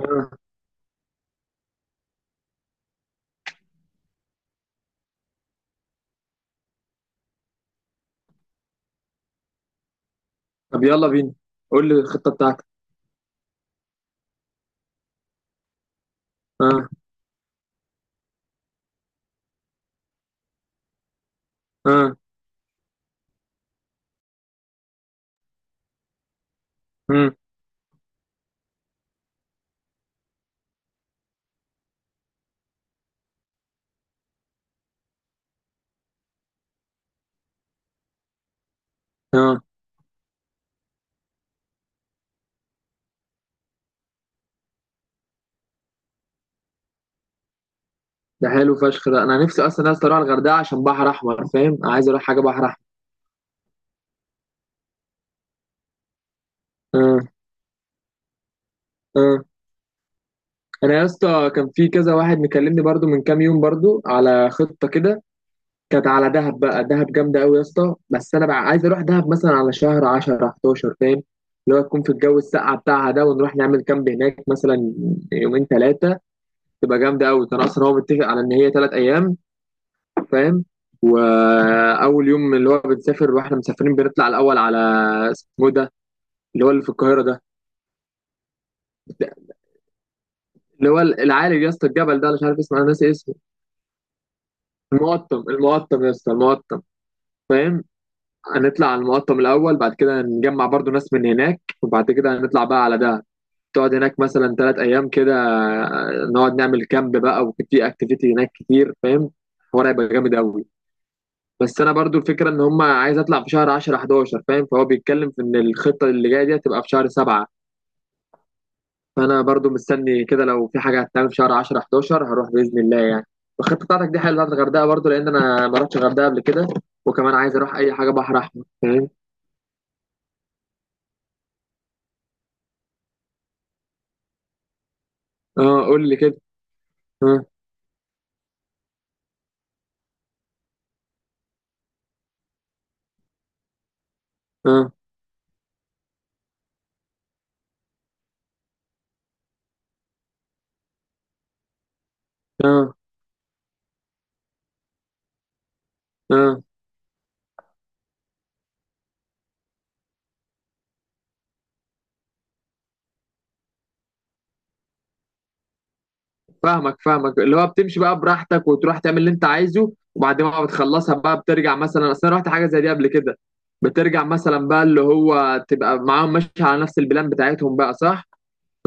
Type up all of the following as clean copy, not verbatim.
آه. طب يلا بينا، قول لي الخطة بتاعتك. اه اه، امم اه ده حلو فشخ. ده انا نفسي اصلا يا اسطى اروح الغردقة عشان بحر احمر فاهم، انا عايز اروح حاجة بحر احمر. اه اه انا يا اسطى كان في كذا واحد مكلمني برضو من كام يوم، برضو على خطة كده، كانت على دهب. بقى دهب جامدة قوي يا اسطى، بس انا بقى عايز اروح دهب مثلا على شهر 10 11 فاهم، اللي هو تكون في الجو الساقعة بتاعها ده، ونروح نعمل كامب هناك مثلا يومين ثلاثة، تبقى جامدة قوي. كان اصلا هو متفق على ان هي ثلاث ايام فاهم، واول يوم اللي هو بنسافر واحنا مسافرين بنطلع الاول على، اسمه إيه ده، اللي هو اللي في القاهره ده، اللي هو العالي يا اسطى الجبل ده، أنا مش عارف اسمه، انا ناسي اسمه. المقطم، المقطم يا اسطى، المقطم. فاهم، هنطلع على المقطم الاول، بعد كده نجمع برضو ناس من هناك، وبعد كده هنطلع بقى على دهب، تقعد هناك مثلا ثلاث ايام كده، نقعد نعمل كامب بقى وفي اكتيفيتي هناك كتير فاهم، الحوار هيبقى جامد قوي. بس انا برضو الفكره ان هم عايز اطلع في شهر 10 11 فاهم، فهو بيتكلم في ان الخطه اللي جايه دي هتبقى في شهر 7. فانا برضو مستني كده، لو في حاجه هتتعمل في شهر 10 11 هروح باذن الله يعني. والخطه بتاعتك دي حلوه بتاعت الغردقه برضو، لان انا ما رحتش الغردقه قبل كده، وكمان عايز اروح اي حاجه بحر احمر فاهم. اه قول لي كده. اه اه اه اه فاهمك فاهمك، اللي هو بتمشي بقى براحتك وتروح تعمل اللي انت عايزه، وبعد ما بتخلصها بقى بترجع مثلا، اصل انا رحت حاجه زي دي قبل كده. بترجع مثلا بقى اللي هو تبقى معاهم ماشي على نفس البلان بتاعتهم بقى، صح.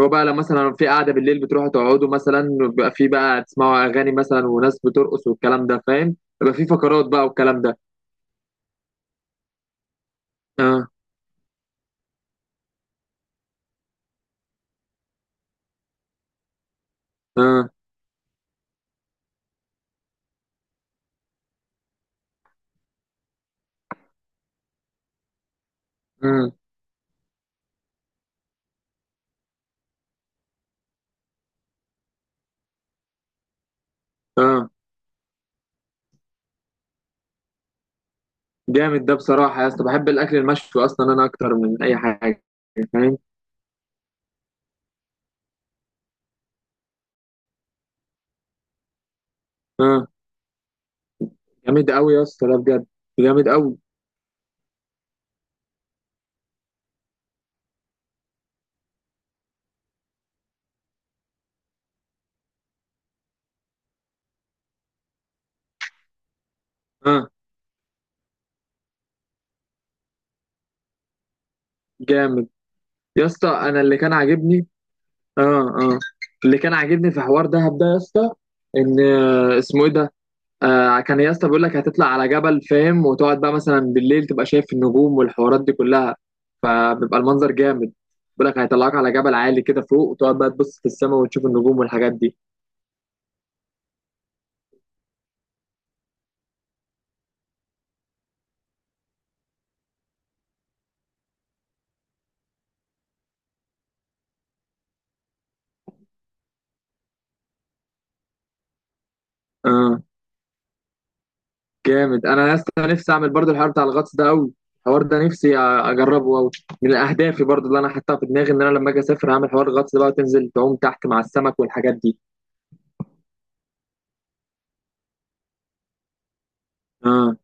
هو بقى لو مثلا في قاعده بالليل بتروحوا تقعدوا مثلا، بيبقى في بقى تسمعوا اغاني مثلا، وناس بترقص والكلام ده فاهم، بيبقى في فقرات بقى والكلام ده. اه اه اه اه. جامد ده بصراحه يا اسطى، بحب الاكل المشوي اصلا انا اكتر من اي حاجه فاهم. اه جامد قوي يا اسطى ده بجد. جامد قوي. اه جامد. يا اسطى انا اللي كان عاجبني. اه اه، اللي كان عاجبني في حوار دهب ده يا اسطى، ان اسمه ايه ده. كان يا اسطى بيقول لك هتطلع على جبل فاهم، وتقعد بقى مثلا بالليل تبقى شايف النجوم والحوارات دي كلها، فبيبقى المنظر جامد. بيقول لك هيطلعك على جبل عالي كده فوق، وتقعد بقى تبص في السماء وتشوف النجوم والحاجات دي. اه جامد. انا يا اسطى نفسي اعمل برضو الحوار بتاع الغطس ده قوي، الحوار ده نفسي اجربه قوي. من اهدافي برضو اللي انا حاططها في دماغي، ان انا لما اجي اسافر هعمل حوار الغطس ده بقى، وتنزل تعوم تحت مع السمك والحاجات دي. اه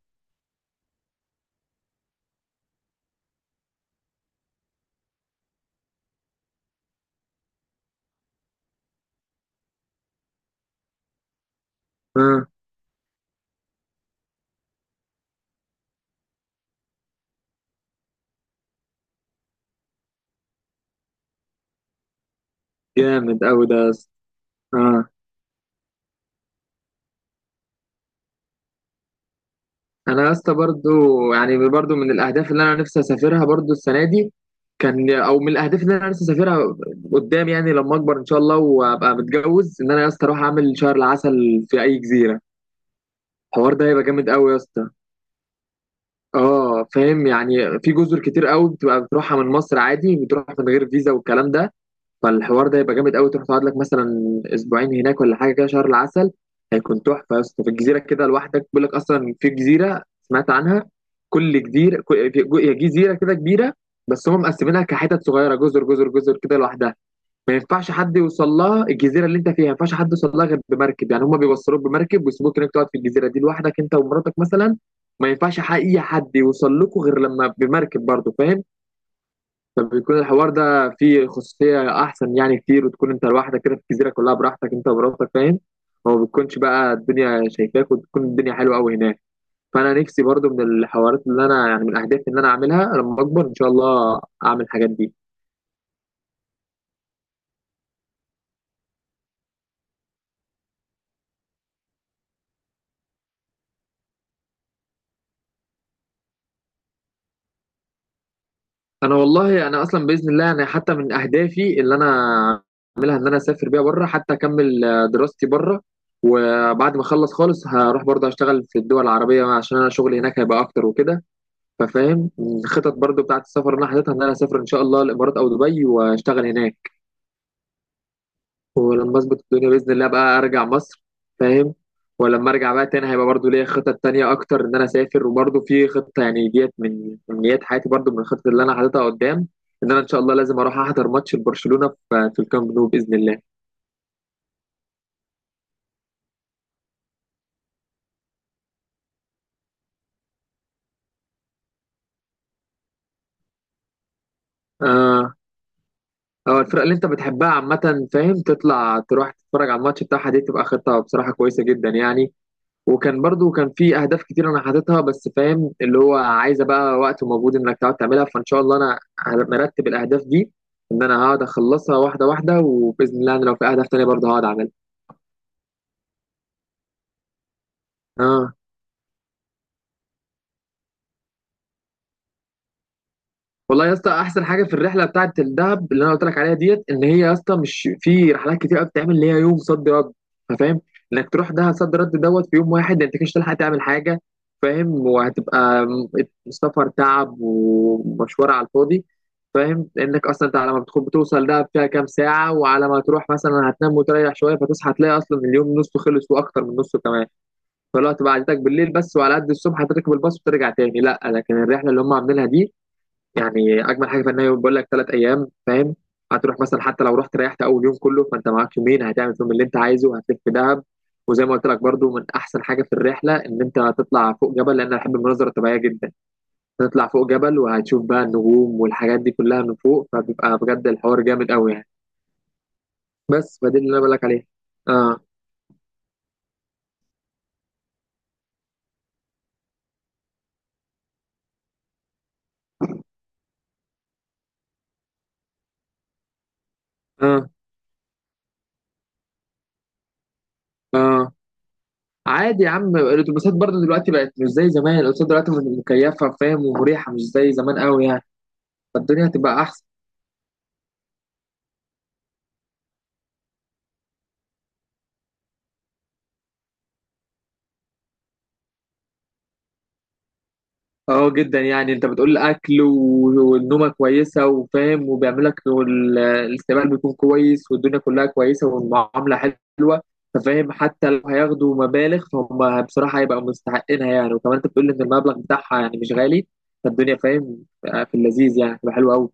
اه جامد قوي ده يا اسطى. اه انا يا اسطى برضو، يعني برضو من الاهداف اللي انا نفسي اسافرها برضو السنه دي، كان او من الاهداف اللي انا نفسي اسافرها قدام، يعني لما اكبر ان شاء الله وابقى متجوز، ان انا يا اسطى اروح اعمل شهر العسل في اي جزيره. الحوار ده هيبقى جامد قوي يا اسطى. اه فاهم يعني، في جزر كتير قوي بتبقى بتروحها من مصر عادي، بتروح من غير فيزا والكلام ده. فالحوار ده يبقى جامد قوي، تروح تقعد لك مثلا اسبوعين هناك ولا حاجه كده شهر العسل، هيكون تحفه يا اسطى في الجزيره كده لوحدك. بيقول لك اصلا في جزيره سمعت عنها، كل جزيره هي جزيره كده كبيره، بس هم مقسمينها كحتت صغيره، جزر جزر جزر كده لوحدها. ما ينفعش حد يوصل لها، الجزيره اللي انت فيها ما ينفعش حد يوصل لها غير بمركب، يعني هم بيوصلوك بمركب ويسيبوك انك تقعد في الجزيره دي لوحدك انت ومراتك مثلا. ما ينفعش اي حد يوصل لكم غير لما بمركب برضه فاهم. فبيكون الحوار ده فيه خصوصيه احسن يعني كتير، وتكون انت لوحدك كده في الجزيره كلها براحتك انت ومراتك فاهم. وما بتكونش بقى الدنيا شايفاك، وتكون الدنيا حلوه قوي هناك. فانا نفسي برضه من الحوارات اللي انا يعني من اهدافي ان انا اعملها لما اكبر ان شاء الله، اعمل الحاجات دي. انا والله انا اصلا باذن الله انا حتى من اهدافي اللي انا اعملها، ان انا اسافر بيها بره، حتى اكمل دراستي بره. وبعد ما اخلص خالص هروح برضه اشتغل في الدول العربيه، عشان انا شغلي هناك هيبقى اكتر وكده. ففاهم الخطط برضه بتاعت السفر اللي انا حاططها، ان انا اسافر ان شاء الله الامارات او دبي واشتغل هناك. ولما اظبط الدنيا باذن الله بقى ارجع مصر فاهم. ولما ارجع بقى تاني هيبقى برضو ليا خطط تانية اكتر، ان انا اسافر. وبرضو في خطه يعني ديت من امنيات حياتي، برضو من الخطط اللي انا حاططها قدام، ان انا ان شاء الله لازم اروح احضر ماتش لبرشلونه في الكامب نو باذن الله. اه اه الفرق اللي انت بتحبها عامه فاهم، تطلع تروح تتفرج على الماتش بتاعها، دي تبقى خطه بصراحه كويسه جدا يعني. وكان برضو كان في اهداف كتير انا حاططها، بس فاهم اللي هو عايزه بقى وقت ومجهود انك تقعد تعملها، فان شاء الله انا مرتب الاهداف دي، ان انا هقعد اخلصها واحده واحده، وباذن الله انا لو في اهداف تانية برضه هقعد اعملها. اه والله يا اسطى احسن حاجه في الرحله بتاعه الدهب اللي انا قلت لك عليها ديت، ان هي يا اسطى مش في رحلات كتير قوي بتعمل اللي هي يوم صد رد. أنت فاهم، انك تروح دهب صد رد دوت في يوم واحد، انت مش هتلحق تعمل حاجه فاهم، وهتبقى سفر تعب ومشوار على الفاضي فاهم. لانك اصلا انت على ما بتوصل دهب فيها كام ساعه، وعلى ما تروح مثلا هتنام وتريح شويه، فتصحى تلاقي اصلا اليوم نصه خلص واكتر من نصه كمان. فالوقت بعدتك بالليل بس، وعلى قد الصبح هتركب الباص وترجع تاني. لا لكن الرحله اللي هم عاملينها دي، يعني اجمل حاجه في ان هي بقول لك ثلاث ايام فاهم، هتروح مثلا حتى لو رحت ريحت اول يوم كله، فانت معاك يومين هتعمل فيهم اللي انت عايزه، هتلف في دهب. وزي ما قلت لك برضو من احسن حاجه في الرحله ان انت هتطلع فوق جبل، لان انا بحب المناظر الطبيعيه جدا. هتطلع فوق جبل وهتشوف بقى النجوم والحاجات دي كلها من فوق، فبيبقى بجد الحوار جامد قوي يعني. بس فدي اللي انا بقول لك عليها. اه اه اه. عادي يا عم، الاتوبيسات برضو دلوقتي بقت مش زي زمان، الاتوبيسات دلوقتي مكيفه فاهم ومريحه مش زي زمان قوي يعني، فالدنيا هتبقى احسن. اه جدا يعني، انت بتقول اكل والنومه كويسه وفاهم وبيعمل لك الاستقبال بيكون كويس والدنيا كلها كويسه والمعامله حلوه. ففاهم حتى لو هياخدوا مبالغ فهم بصراحه هيبقوا مستحقينها يعني، وكمان انت بتقول ان المبلغ بتاعها يعني مش غالي. فالدنيا فاهم في اللذيذ يعني، تبقى حلوه قوي.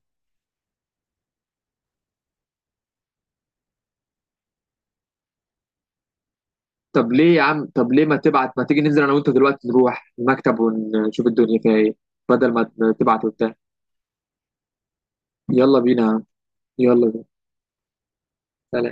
طب ليه يا عم طب ليه ما تبعت، ما تيجي ننزل انا وانت دلوقتي نروح المكتب ونشوف الدنيا فيها ايه، بدل ما تبعت وبتاع. يلا بينا يا عم. يلا بينا. سلام.